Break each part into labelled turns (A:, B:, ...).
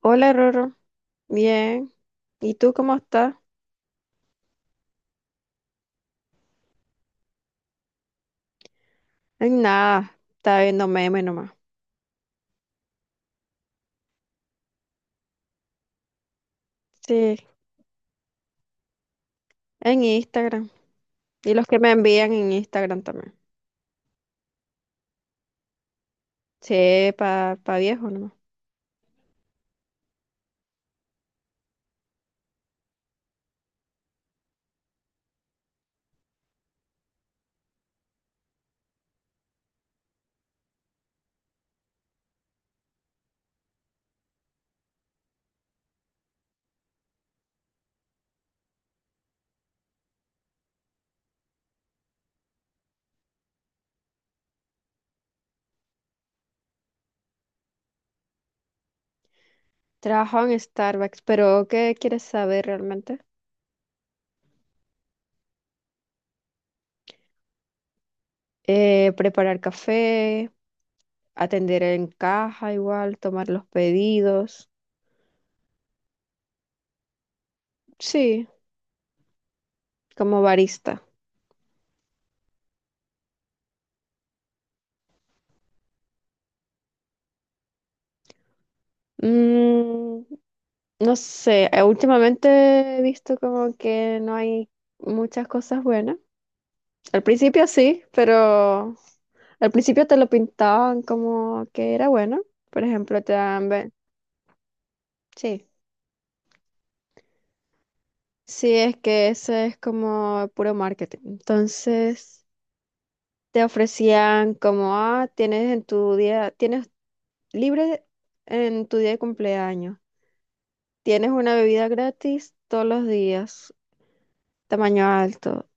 A: Hola, Roro. Bien. ¿Y tú cómo estás? En nada. Está viendo memes nomás. Sí, en Instagram. Y los que me envían en Instagram también. Sí, pa viejo nomás. Trabajo en Starbucks, pero ¿qué quieres saber realmente? Preparar café, atender en caja igual, tomar los pedidos. Sí, como barista. Mm, no sé, últimamente he visto como que no hay muchas cosas buenas. Al principio sí, pero al principio te lo pintaban como que era bueno. Por ejemplo, te dan. Sí, sí, es que eso es como puro marketing. Entonces, te ofrecían como, ah, tienes en tu día, tienes libre en tu día de cumpleaños. Tienes una bebida gratis todos los días, tamaño alto.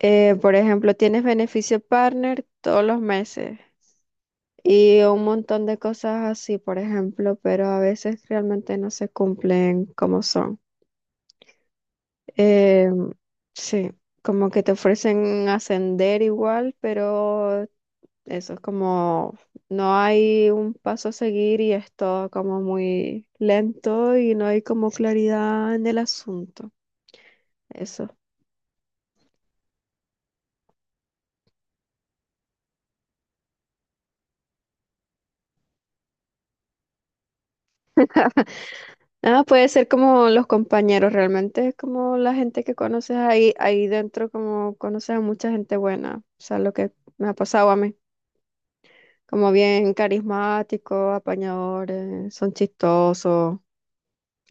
A: Por ejemplo, tienes beneficio partner todos los meses y un montón de cosas así, por ejemplo, pero a veces realmente no se cumplen como son. Eh, sí, como que te ofrecen ascender igual, pero eso es como no hay un paso a seguir y es todo como muy lento y no hay como claridad en el asunto. Eso. Ah, puede ser como los compañeros, realmente es como la gente que conoces ahí dentro, como conoces a mucha gente buena, o sea, lo que me ha pasado a mí, como bien carismáticos, apañadores, son chistosos,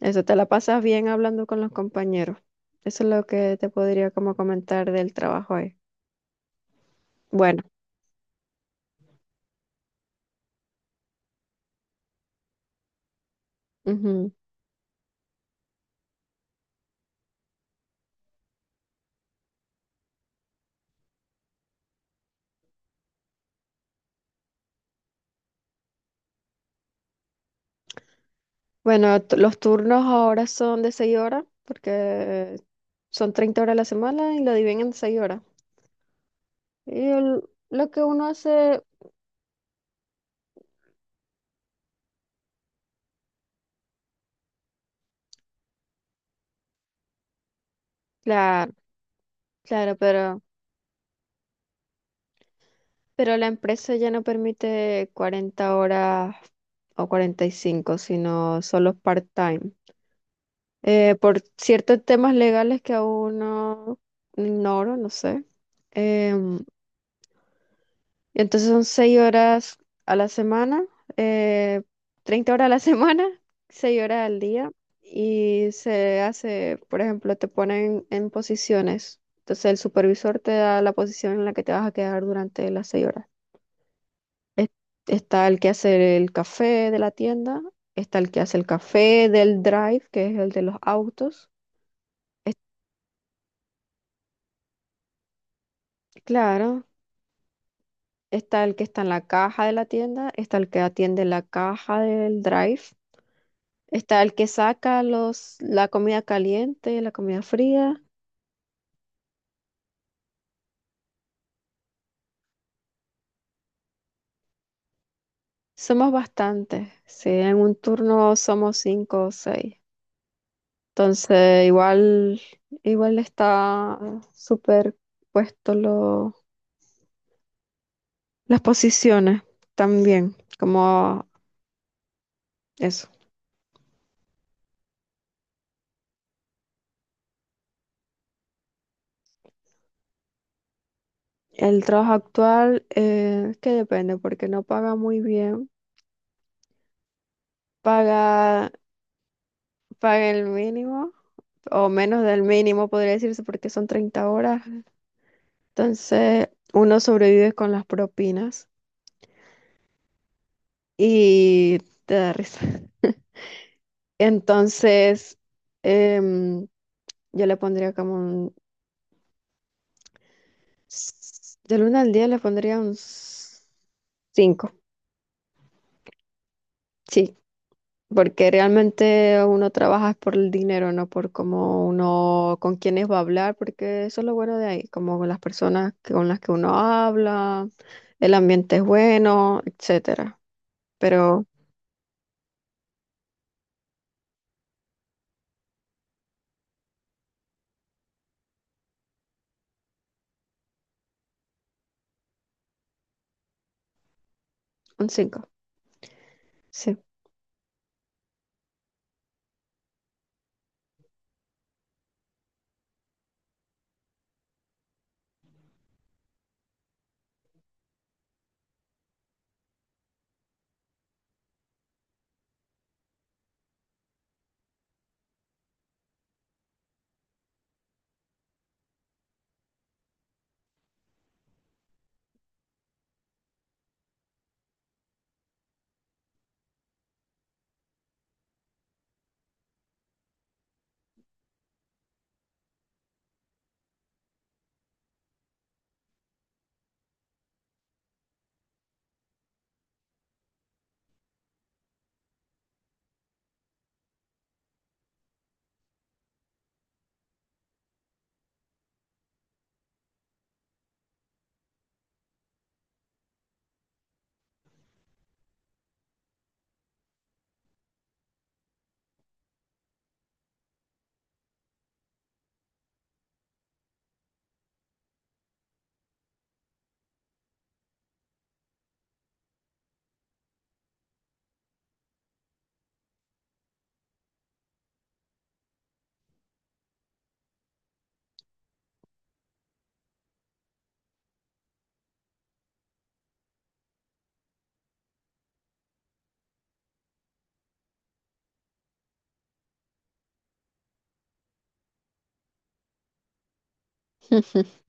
A: eso te la pasas bien hablando con los compañeros, eso es lo que te podría como comentar del trabajo ahí. Bueno, ujú. Bueno, los turnos ahora son de 6 horas, porque son 30 horas a la semana y lo dividen en 6 horas. Y lo que uno hace, claro, claro, pero la empresa ya no permite 40 horas o 45 sino solo part-time. Por ciertos temas legales que aún no ignoro, no sé. em, Entonces son 6 horas a la semana, eh, 30 horas a la semana, 6 horas al día. Y se hace, por ejemplo, te ponen en posiciones. Entonces el supervisor te da la posición en la que te vas a quedar durante las 6 horas. Es- Está el que hace el café de la tienda, está el que hace el café del drive, que es el de los autos. Es- claro, está el que está en la caja de la tienda, está el que atiende la caja del drive. Está el que saca la comida caliente, la comida fría. Somos bastantes, sí, en un turno somos cinco o seis. Entonces, igual está súper puesto las posiciones también, como eso. El trabajo actual, que depende, porque no paga muy bien. Paga, paga el mínimo, o menos del mínimo, podría decirse, porque son 30 horas. Entonces, uno sobrevive con las propinas y te da risa. Entonces, em, yo le pondría como un. Del 1 al 10 le pondría un 5, sí, porque realmente uno trabaja es por el dinero, no por cómo uno, con quiénes va a hablar, porque eso es lo bueno de ahí, como con las personas con las que uno habla, el ambiente es bueno, etcétera. Pero un 5, sí.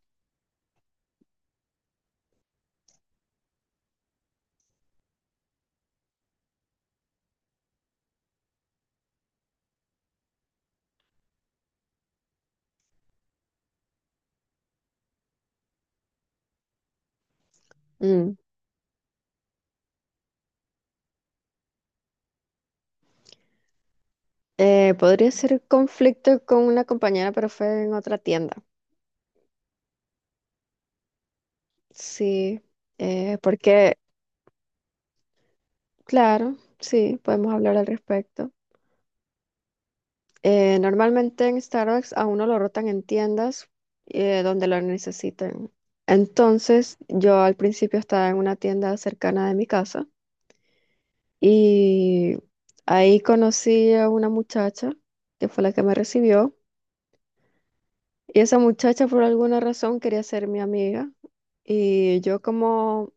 A: Mm. Podría ser conflicto con una compañera, pero fue en otra tienda. Sí, porque, claro, sí, podemos hablar al respecto. Normalmente en Starbucks a uno lo rotan en tiendas donde lo necesiten. Entonces, yo al principio estaba en una tienda cercana de mi casa y ahí conocí a una muchacha que fue la que me recibió. Y esa muchacha por alguna razón quería ser mi amiga y yo como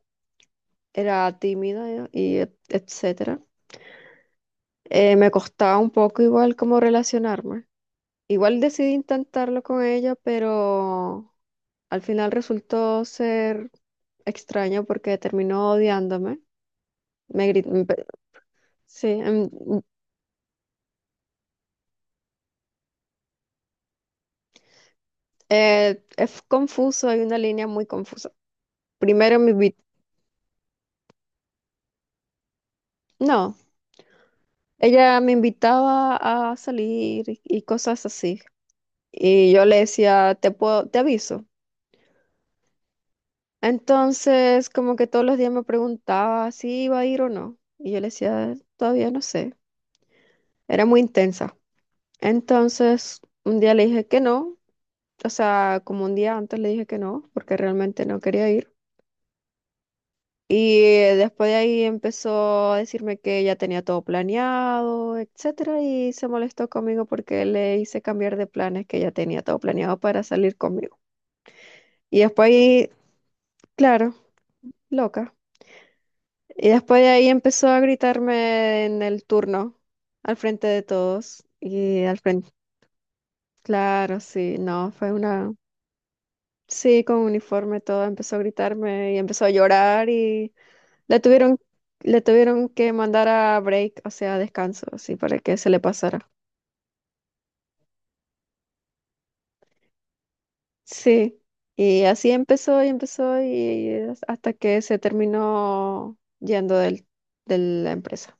A: era tímida y etcétera, me costaba un poco igual como relacionarme. Igual decidí intentarlo con ella, pero al final resultó ser extraño porque terminó odiándome. Me gri- me pe- Sí, es confuso, hay una línea muy confusa. Primero me invitó, no. Ella me invitaba a salir y cosas así. Y yo le decía, te puedo, te aviso. Entonces, como que todos los días me preguntaba si iba a ir o no. Y yo le decía, todavía no sé. Era muy intensa. Entonces, un día le dije que no. O sea, como un día antes le dije que no, porque realmente no quería ir. Y después de ahí empezó a decirme que ya tenía todo planeado, etcétera, y se molestó conmigo porque le hice cambiar de planes que ya tenía todo planeado para salir conmigo. Y después ahí, claro, loca. Y después de ahí empezó a gritarme en el turno, al frente de todos. Y al frente, claro, sí, no, fue una, sí, con uniforme todo, empezó a gritarme y empezó a llorar y la tuvieron, le tuvieron que mandar a break, o sea, a descanso, así, para que se le pasara. Sí, y así empezó y empezó y hasta que se terminó yendo de la empresa.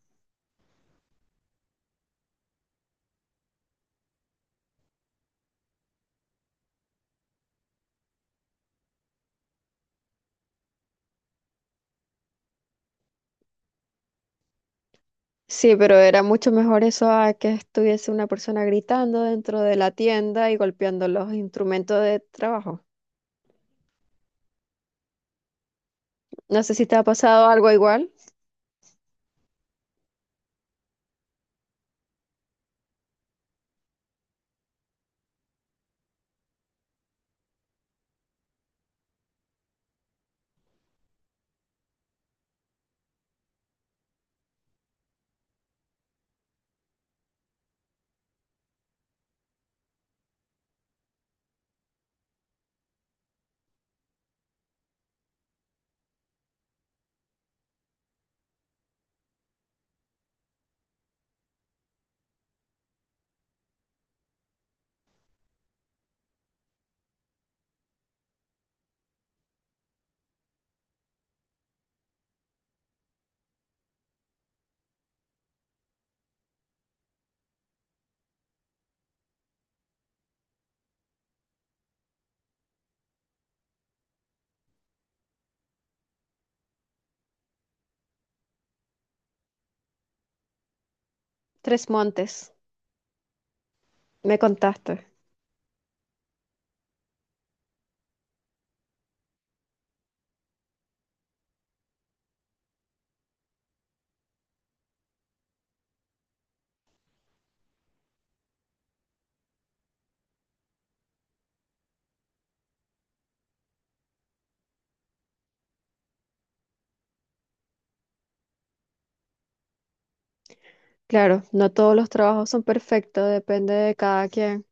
A: Sí, pero era mucho mejor eso a que estuviese una persona gritando dentro de la tienda y golpeando los instrumentos de trabajo. No sé si te ha pasado algo igual. Tres Montes, me contaste. Claro, no todos los trabajos son perfectos, depende de cada quien.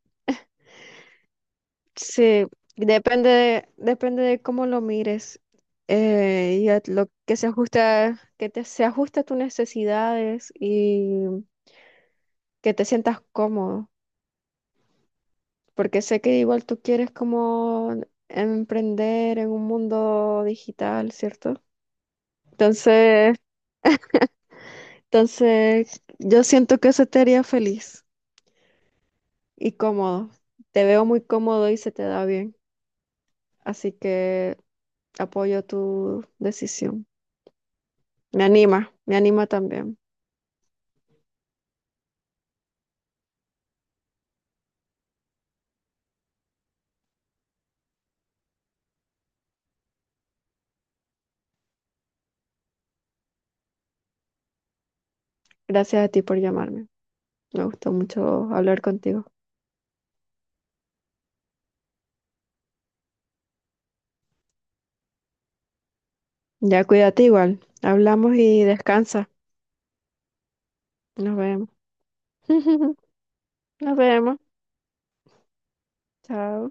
A: Sí, depende de cómo lo mires y a lo que se ajusta, se ajuste a tus necesidades y que te sientas cómodo, porque sé que igual tú quieres como emprender en un mundo digital, ¿cierto? Entonces, entonces, yo siento que eso te haría feliz y cómodo. Te veo muy cómodo y se te da bien, así que apoyo tu decisión. Me anima también. Gracias a ti por llamarme. Me gustó mucho hablar contigo. Ya cuídate igual. Hablamos y descansa. Nos vemos. Nos vemos. Chao.